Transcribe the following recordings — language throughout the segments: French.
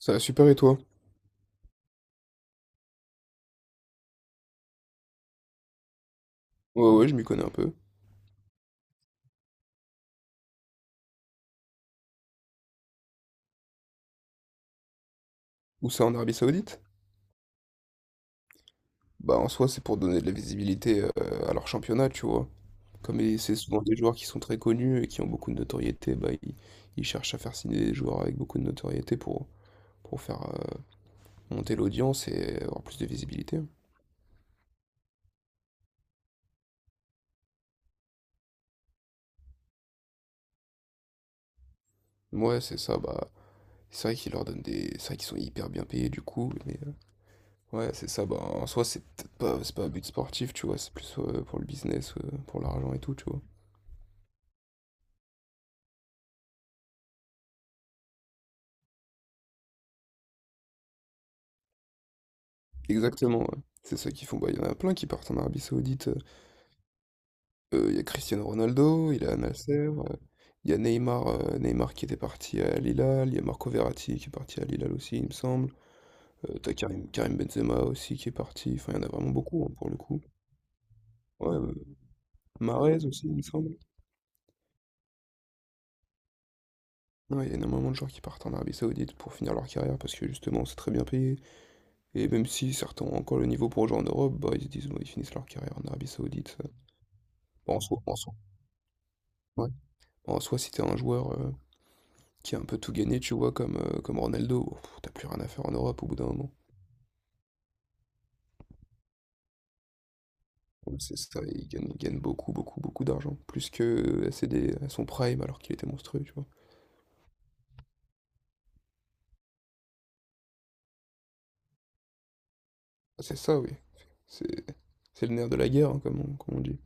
Ça va super et toi? Ouais, ouais, je m'y connais un peu. Où ça, en Arabie Saoudite? Bah, en soi, c'est pour donner de la visibilité à leur championnat, tu vois. C'est souvent des joueurs qui sont très connus et qui ont beaucoup de notoriété, bah, ils cherchent à faire signer des joueurs avec beaucoup de notoriété pour faire monter l'audience et avoir plus de visibilité. Ouais, c'est ça, bah, c'est vrai qu'ils leur donnent. C'est vrai qu'ils sont hyper bien payés, du coup, ouais, c'est ça, bah, en soi, c'est peut-être pas, c'est pas un but sportif, tu vois, c'est plus pour le business, pour l'argent et tout, tu vois. Exactement, ouais. C'est ça qu'ils font. Bah, il y en a plein qui partent en Arabie Saoudite. Il y a Cristiano Ronaldo, il y a Al Nasser, il y a Neymar qui était parti à Al Hilal, il y a Marco Verratti qui est parti à Al Hilal aussi, il me semble. T'as Karim Benzema aussi qui est parti. Enfin, il y en a vraiment beaucoup hein, pour le coup. Ouais, Mahrez aussi, il me semble. Ouais, il y a énormément de gens qui partent en Arabie Saoudite pour finir leur carrière parce que justement, c'est très bien payé. Et même si certains ont encore le niveau pour jouer en Europe, bah, ils se disent, bon, ils finissent leur carrière en Arabie Saoudite. Ça. Bon, en soi, ouais. Bon, en soi, si t'es un joueur qui a un peu tout gagné, tu vois, comme Ronaldo. Oh, pff, t'as plus rien à faire en Europe au bout d'un moment. Ouais, c'est ça, il gagne beaucoup, beaucoup, beaucoup d'argent. Plus que à son prime alors qu'il était monstrueux, tu vois. Ah, c'est ça, oui. C'est c'est le nerf de la guerre, hein, comme on dit.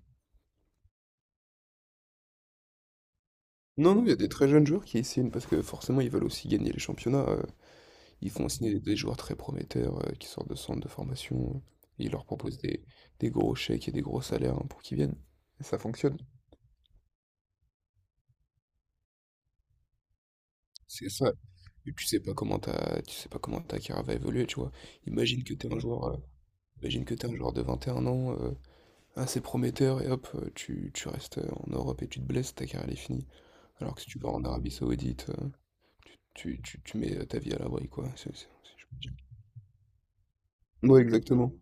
Non, non, il y a des très jeunes joueurs qui signent parce que forcément ils veulent aussi gagner les championnats. Ils font signer des joueurs très prometteurs qui sortent de centres de formation. Et ils leur proposent des gros chèques et des gros salaires hein, pour qu'ils viennent. Et ça fonctionne. C'est ça. Et tu sais pas comment ta carrière va évoluer, tu vois. Imagine que t'es un joueur, euh, imagine que t'es un joueur de 21 ans, assez prometteur, et hop, tu restes en Europe et tu te blesses, ta carrière elle est finie. Alors que si tu vas en Arabie Saoudite, tu mets ta vie à l'abri, quoi. Je peux dire. Ouais, exactement.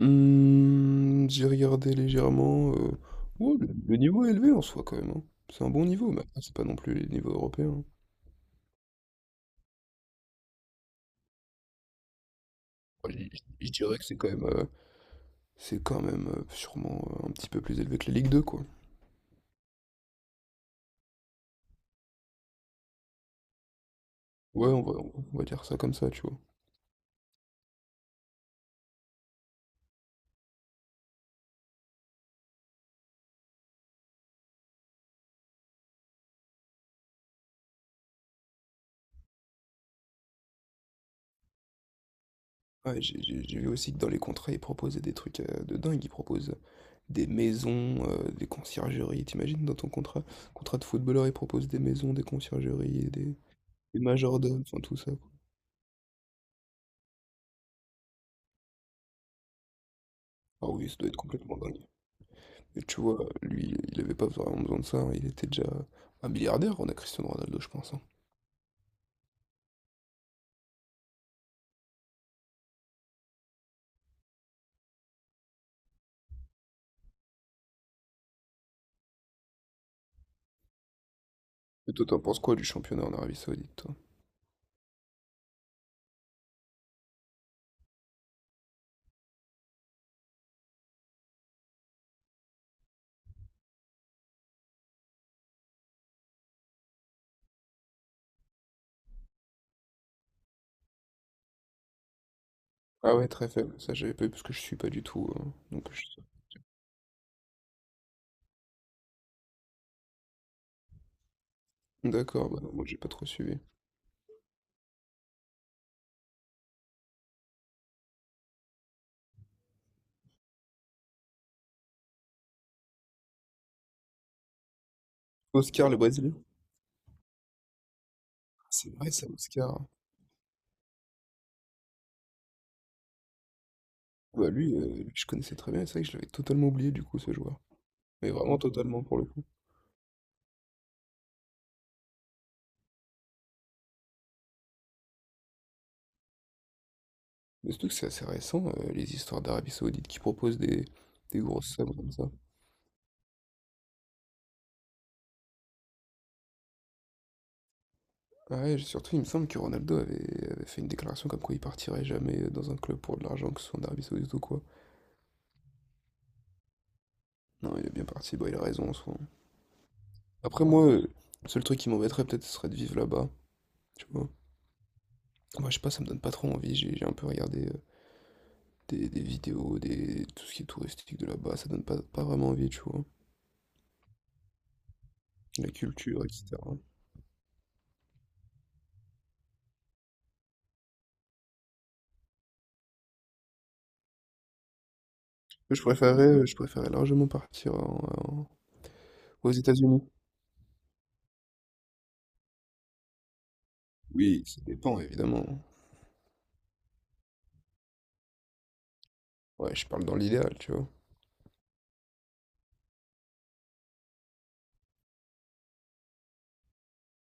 J'ai regardé légèrement. Ouais, le niveau est élevé en soi, quand même, hein. C'est un bon niveau, mais après, c'est pas non plus les niveaux européens, hein. Moi, je dirais que c'est quand même sûrement un petit peu plus élevé que la Ligue 2, quoi. Ouais, on va dire ça comme ça, tu vois. Ouais, j'ai vu aussi que dans les contrats, ils proposaient des trucs de dingue. Ils proposent des maisons, des conciergeries. T'imagines, dans ton contrat de footballeur, ils proposent des maisons, des conciergeries, et des majordomes, enfin tout ça, quoi. Ah oui, ça doit être complètement dingue. Et tu vois, lui, il avait pas vraiment besoin de ça, hein. Il était déjà un milliardaire, on a Cristiano Ronaldo, je pense, hein. Et toi, t'en penses quoi du championnat en Arabie Saoudite, toi? Ah ouais, très faible, ça j'avais pas eu parce que je suis pas du tout. Donc je- D'accord, bah non, moi j'ai pas trop suivi. Oscar le Brésilien? Ah, c'est vrai ça, Oscar. Bah lui, je connaissais très bien, et c'est vrai que je l'avais totalement oublié du coup ce joueur. Mais vraiment totalement pour le coup. Mais surtout que c'est assez récent, les histoires d'Arabie Saoudite qui proposent des grosses sommes comme ça. Ah ouais, surtout il me semble que Ronaldo avait fait une déclaration comme quoi il partirait jamais dans un club pour de l'argent, que ce soit en Arabie Saoudite ou quoi. Non, il est bien parti, bah il a raison en soi. Après moi, le seul truc qui m'embêterait peut-être ce serait de vivre là-bas, tu vois. Moi, je sais pas, ça me donne pas trop envie. J'ai un peu regardé des vidéos, tout ce qui est touristique de là-bas. Ça donne pas vraiment envie, tu vois. La culture, etc. Moi, je préférais largement partir en- aux États-Unis. Oui, ça dépend, évidemment. Ouais, je parle dans l'idéal, tu vois.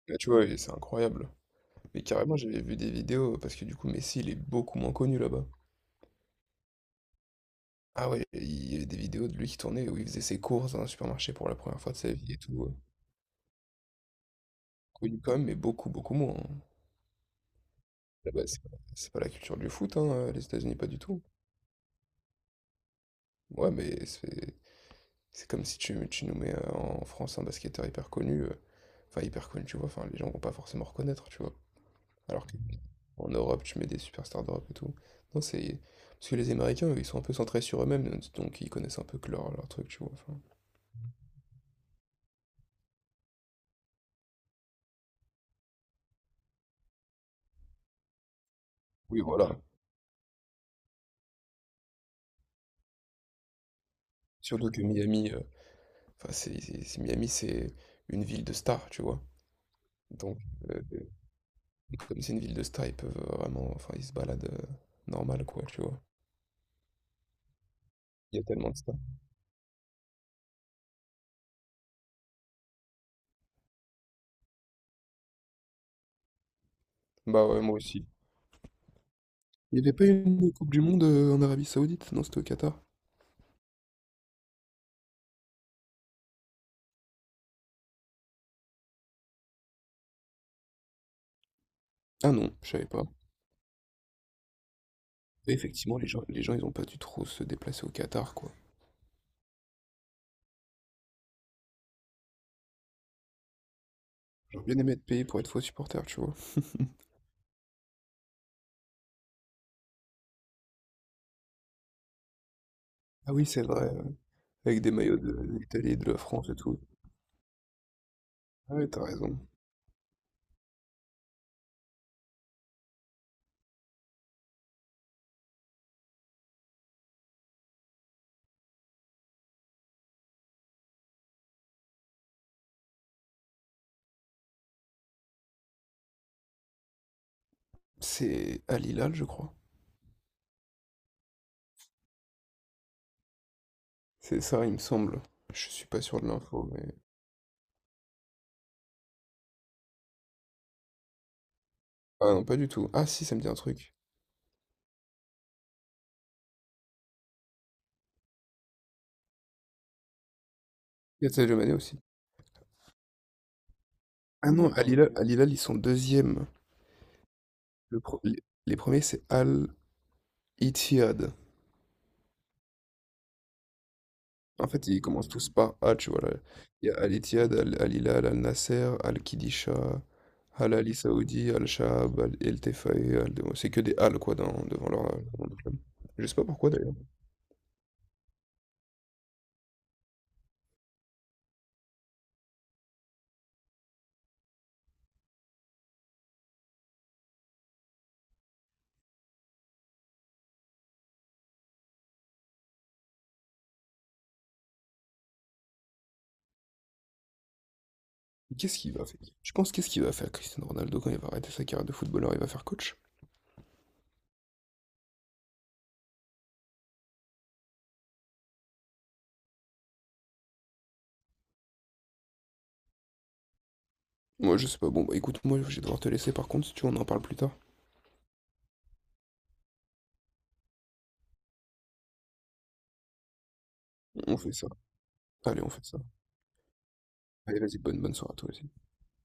Là, tu vois, et c'est incroyable. Mais carrément, j'avais vu des vidéos parce que du coup, Messi, il est beaucoup moins connu là-bas. Ah ouais, il y avait des vidéos de lui qui tournait où il faisait ses courses dans un supermarché pour la première fois de sa vie et tout. Connu quand même, mais beaucoup, beaucoup moins. Là-bas, c'est pas la culture du foot, hein, les États-Unis, pas du tout. Ouais, mais c'est comme si tu nous mets en France un basketteur hyper connu, enfin hyper connu, tu vois, enfin les gens vont pas forcément reconnaître, tu vois. Alors qu'en Europe, tu mets des superstars d'Europe et tout. Non, c'est parce que les Américains, eux, ils sont un peu centrés sur eux-mêmes, donc ils connaissent un peu que leur truc, tu vois, enfin. Oui, voilà. Surtout que Miami, enfin Miami, c'est une ville de stars, tu vois. Donc euh, Et comme c'est une ville de stars, ils peuvent vraiment. Enfin, ils se baladent normal, quoi, tu vois. Il y a tellement de stars. Bah ouais, moi aussi. Il n'y avait pas une Coupe du Monde en Arabie Saoudite? Non, c'était au Qatar. Ah non, je savais pas. Et effectivement, les gens, ils ont pas dû trop se déplacer au Qatar, quoi. J'aurais bien aimé être payé pour être faux supporter, tu vois. Ah oui, c'est vrai. Avec des maillots de l'Italie et de la France et tout. Ah ouais, t'as raison. C'est Al Hilal, je crois. C'est ça, il me semble. Je suis pas sûr de l'info, mais... Ah non, pas du tout. Ah si, ça me dit un truc. Il y a Sadio Mané aussi. Ah non, ouais, Al Hilal, ils sont deuxièmes. Le pro- les, les premiers, c'est Al Ittihad. En fait, ils commencent tous par A, tu vois, là. Il y a Al Ittihad, Al Hilal, Al Nasser, Al Qidisha, Al Ali Saoudi, Al Shahab, Al El Tefaï, Al Demoul. C'est que des Al, quoi, devant leur club. Je sais pas pourquoi, d'ailleurs. Qu'est-ce qu'il va faire? Tu penses qu'est-ce qu'il va faire, Cristiano Ronaldo, quand il va arrêter sa carrière de footballeur, il va faire coach? Moi, je sais pas. Bon, bah écoute, moi, je vais devoir te laisser, par contre, si tu veux, on en parle plus tard. On fait ça. Allez, on fait ça. Allez, vas-y, bonne, bonne soirée à toi aussi.